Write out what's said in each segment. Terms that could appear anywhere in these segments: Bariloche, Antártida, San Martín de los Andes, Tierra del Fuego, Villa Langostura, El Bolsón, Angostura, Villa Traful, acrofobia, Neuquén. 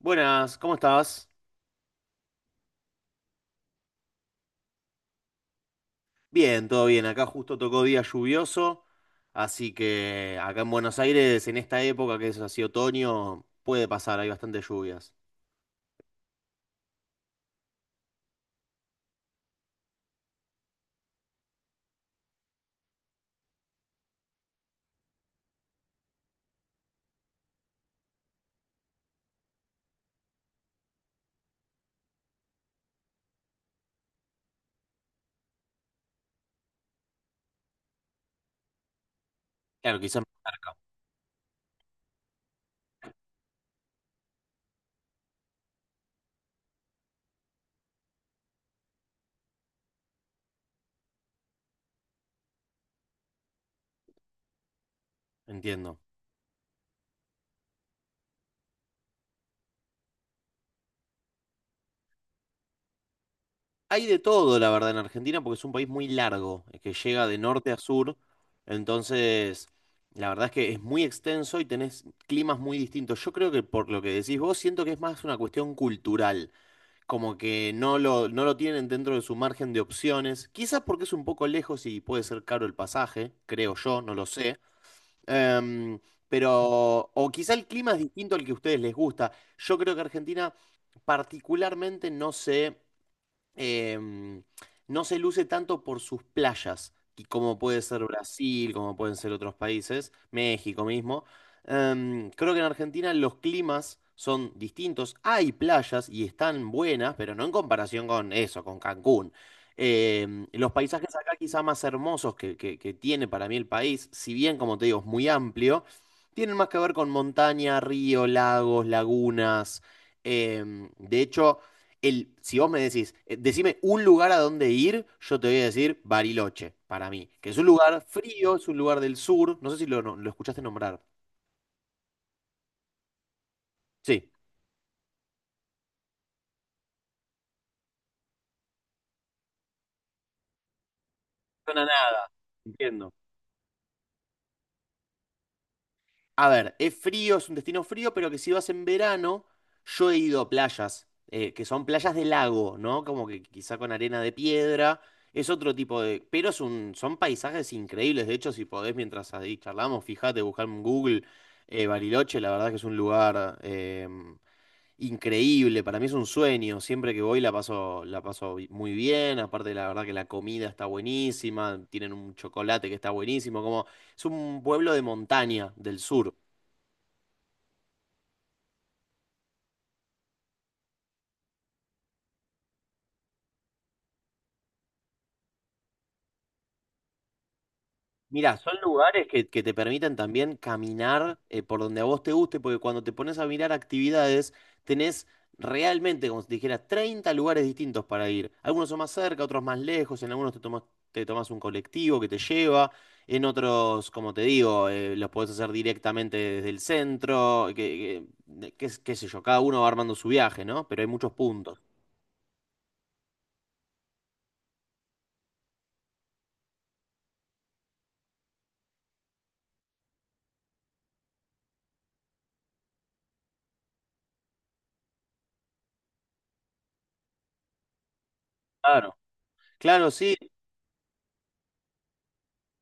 Buenas, ¿cómo estás? Bien, todo bien. Acá justo tocó día lluvioso, así que acá en Buenos Aires, en esta época que es así otoño, puede pasar, hay bastantes lluvias. Claro, quizás no, entiendo. Hay de todo, la verdad, en Argentina, porque es un país muy largo, que llega de norte a sur, entonces la verdad es que es muy extenso y tenés climas muy distintos. Yo creo que por lo que decís vos, siento que es más una cuestión cultural, como que no lo tienen dentro de su margen de opciones, quizás porque es un poco lejos y puede ser caro el pasaje, creo yo, no lo sé. Em, pero, o quizá el clima es distinto al que a ustedes les gusta. Yo creo que Argentina particularmente no sé, em, no se luce tanto por sus playas, y como puede ser Brasil, como pueden ser otros países, México mismo. Creo que en Argentina los climas son distintos. Hay playas y están buenas, pero no en comparación con eso, con Cancún. Los paisajes acá quizá más hermosos que tiene para mí el país, si bien, como te digo, es muy amplio, tienen más que ver con montaña, río, lagos, lagunas. De hecho, si vos me decís, decime un lugar a donde ir, yo te voy a decir Bariloche, para mí, que es un lugar frío, es un lugar del sur, no sé si lo, no- lo escuchaste nombrar. Sí. Suena nada, entiendo. A ver, es frío, es un destino frío, pero que si vas en verano, yo he ido a playas, que son playas de lago, ¿no? Como que quizá con arena de piedra, es otro tipo de. Pero son paisajes increíbles, de hecho, si podés, mientras ahí charlamos, fíjate, buscar en Google, Bariloche, la verdad que es un lugar increíble, para mí es un sueño, siempre que voy la paso muy bien, aparte la verdad que la comida está buenísima, tienen un chocolate que está buenísimo, como es un pueblo de montaña del sur. Mira, son lugares que, te permiten también caminar por donde a vos te guste, porque cuando te pones a mirar actividades, tenés realmente, como si te dijera, 30 lugares distintos para ir. Algunos son más cerca, otros más lejos, en algunos te tomas un colectivo que te lleva, en otros, como te digo, los podés hacer directamente desde el centro, qué sé yo, cada uno va armando su viaje, ¿no? Pero hay muchos puntos. Claro. Claro, sí.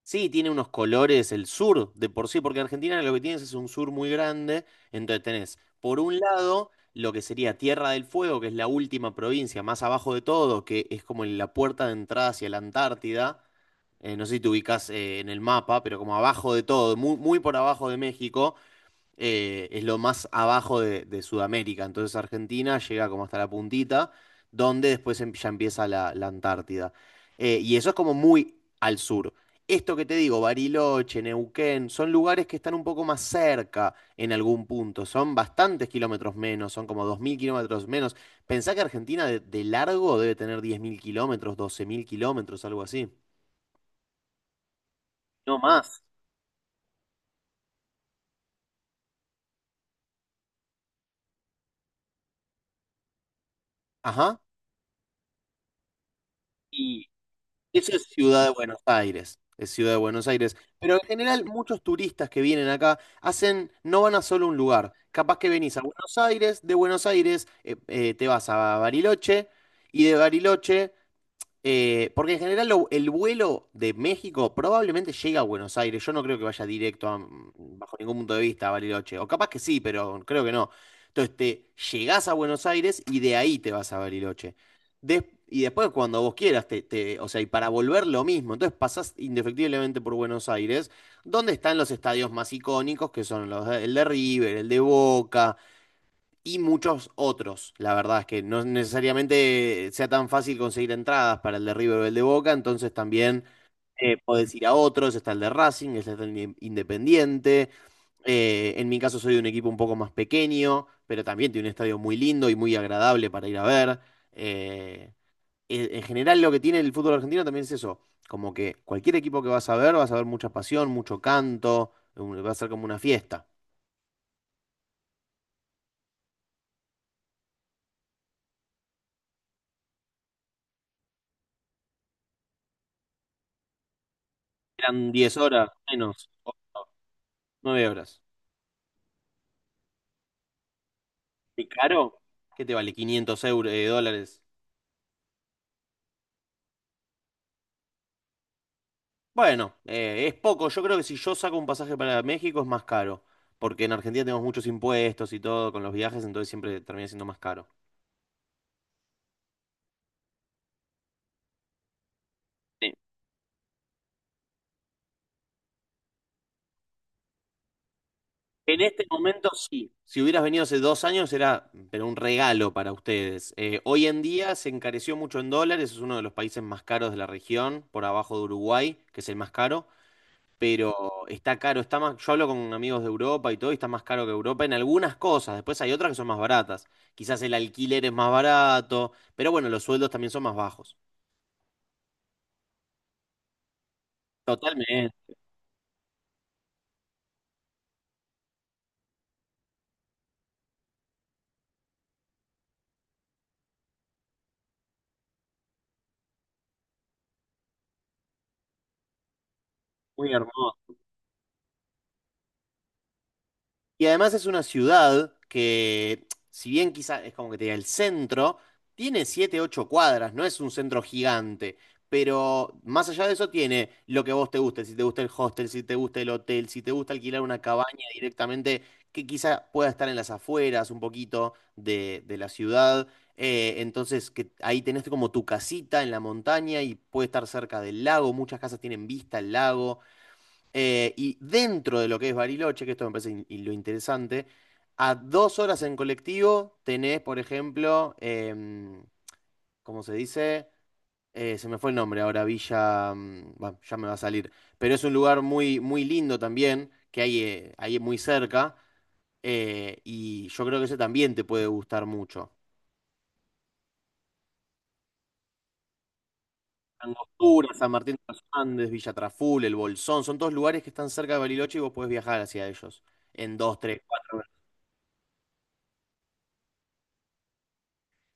Sí, tiene unos colores el sur de por sí, porque Argentina lo que tienes es un sur muy grande, entonces tenés por un lado lo que sería Tierra del Fuego, que es la última provincia más abajo de todo, que es como la puerta de entrada hacia la Antártida. No sé si te ubicás en el mapa, pero como abajo de todo, muy, muy por abajo de México. Es lo más abajo de Sudamérica. Entonces Argentina llega como hasta la puntita, donde después ya empieza la Antártida. Y eso es como muy al sur. Esto que te digo, Bariloche, Neuquén, son lugares que están un poco más cerca en algún punto. Son bastantes kilómetros menos, son como 2.000 kilómetros menos. Pensá que Argentina de largo debe tener 10.000 kilómetros, 12.000 kilómetros, algo así. No más. Ajá. Eso es Ciudad de Buenos Aires, es Ciudad de Buenos Aires. Pero en general muchos turistas que vienen acá hacen, no van a solo un lugar. Capaz que venís a Buenos Aires, de Buenos Aires te vas a Bariloche y de Bariloche, porque en general el vuelo de México probablemente llega a Buenos Aires. Yo no creo que vaya directo bajo ningún punto de vista a Bariloche. O capaz que sí, pero creo que no. Entonces te llegás a Buenos Aires y de ahí te vas a Bariloche. Y después cuando vos quieras, o sea, y para volver lo mismo. Entonces pasás indefectiblemente por Buenos Aires, donde están los estadios más icónicos, que son el de River, el de Boca y muchos otros. La verdad es que no necesariamente sea tan fácil conseguir entradas para el de River o el de Boca, entonces también, podés ir a otros, está el de Racing, está el de Independiente. En mi caso soy de un equipo un poco más pequeño, pero también tiene un estadio muy lindo y muy agradable para ir a ver. Eh, en general lo que tiene el fútbol argentino también es eso, como que cualquier equipo que vas a ver mucha pasión, mucho canto, va a ser como una fiesta. Eran 10 horas, menos, 9 horas. ¿Qué caro? ¿Qué te vale 500 euros, dólares? Bueno, es poco. Yo creo que si yo saco un pasaje para México es más caro, porque en Argentina tenemos muchos impuestos y todo con los viajes, entonces siempre termina siendo más caro. Sí. En este momento sí. Si hubieras venido hace 2 años era, pero un regalo para ustedes. Hoy en día se encareció mucho en dólares, es uno de los países más caros de la región, por abajo de Uruguay, que es el más caro. Pero está caro, está más, yo hablo con amigos de Europa y todo, y está más caro que Europa en algunas cosas, después hay otras que son más baratas, quizás el alquiler es más barato, pero bueno, los sueldos también son más bajos. Totalmente, muy hermoso. Y además es una ciudad que, si bien quizás es como que te diga el centro, tiene 7 8 cuadras, no es un centro gigante. Pero más allá de eso tiene lo que a vos te guste, si te gusta el hostel, si te gusta el hotel, si te gusta alquilar una cabaña directamente, que quizá pueda estar en las afueras un poquito de la ciudad. Entonces, que ahí tenés como tu casita en la montaña y puede estar cerca del lago, muchas casas tienen vista al lago. Y dentro de lo que es Bariloche, que esto me parece y lo interesante, a 2 horas en colectivo tenés, por ejemplo, ¿cómo se dice? Se me fue el nombre ahora, Villa, bueno, ya me va a salir, pero es un lugar muy, muy lindo también, que hay ahí muy cerca, y yo creo que ese también te puede gustar mucho. Angostura, San Martín de los Andes, Villa Traful, El Bolsón, son todos lugares que están cerca de Bariloche y vos podés viajar hacia ellos en dos, tres, cuatro.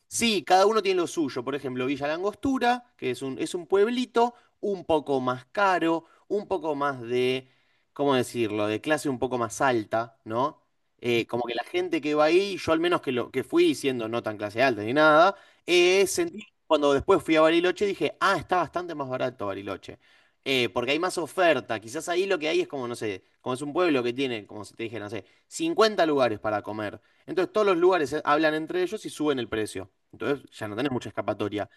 Sí, cada uno tiene lo suyo. Por ejemplo, Villa Langostura, que es un pueblito un poco más caro, un poco más de, ¿cómo decirlo?, de clase un poco más alta, ¿no? Como que la gente que va ahí, yo al menos que fui siendo no tan clase alta ni nada, sentí cuando después fui a Bariloche dije, ah, está bastante más barato Bariloche. Porque hay más oferta. Quizás ahí lo que hay es como, no sé, como es un pueblo que tiene, como si te dije, no sé, 50 lugares para comer. Entonces todos los lugares, hablan entre ellos y suben el precio. Entonces ya no tenés mucha escapatoria.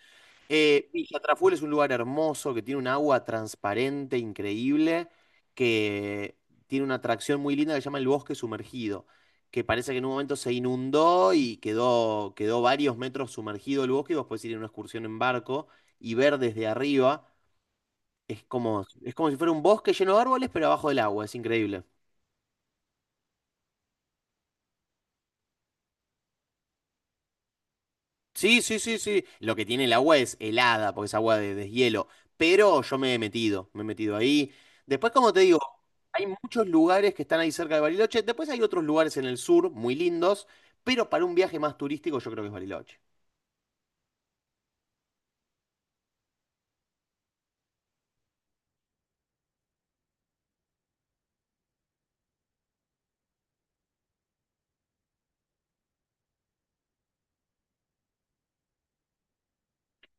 Villa Traful es un lugar hermoso que tiene un agua transparente, increíble, que tiene una atracción muy linda que se llama el bosque sumergido, que parece que en un momento se inundó y quedó varios metros sumergido el bosque y vos podés ir en una excursión en barco y ver desde arriba. Es como si fuera un bosque lleno de árboles, pero abajo del agua. Es increíble. Sí, sí, sí, sí. Lo que tiene el agua es helada, porque es agua de deshielo. Pero yo me he metido ahí. Después, como te digo, hay muchos lugares que están ahí cerca de Bariloche. Después hay otros lugares en el sur muy lindos, pero para un viaje más turístico yo creo que es Bariloche.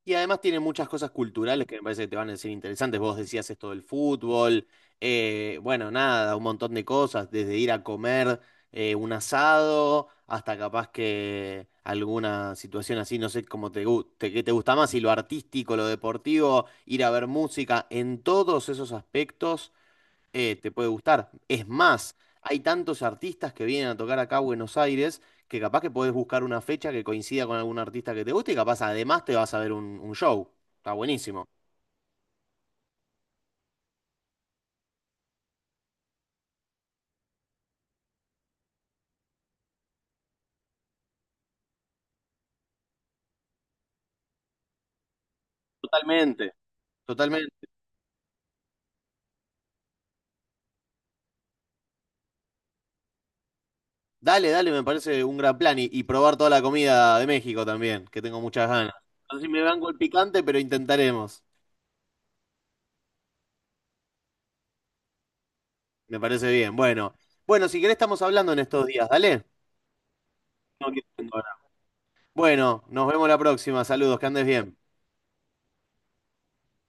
Y además tiene muchas cosas culturales que me parece que te van a decir interesantes. Vos decías esto del fútbol, bueno, nada, un montón de cosas, desde ir a comer un asado hasta capaz que alguna situación así, no sé cómo qué te gusta más, si lo artístico, lo deportivo, ir a ver música, en todos esos aspectos, te puede gustar. Es más, hay tantos artistas que vienen a tocar acá a Buenos Aires que capaz que podés buscar una fecha que coincida con algún artista que te guste y capaz además te vas a ver un show. Está buenísimo. Totalmente. Totalmente. Dale, dale, me parece un gran plan y probar toda la comida de México también, que tengo muchas ganas. No sé si me banco el picante, pero intentaremos. Me parece bien. Bueno, bueno, si querés estamos hablando en estos días, dale. Tengo que ir ahora. Bueno, nos vemos la próxima. Saludos, que andes bien.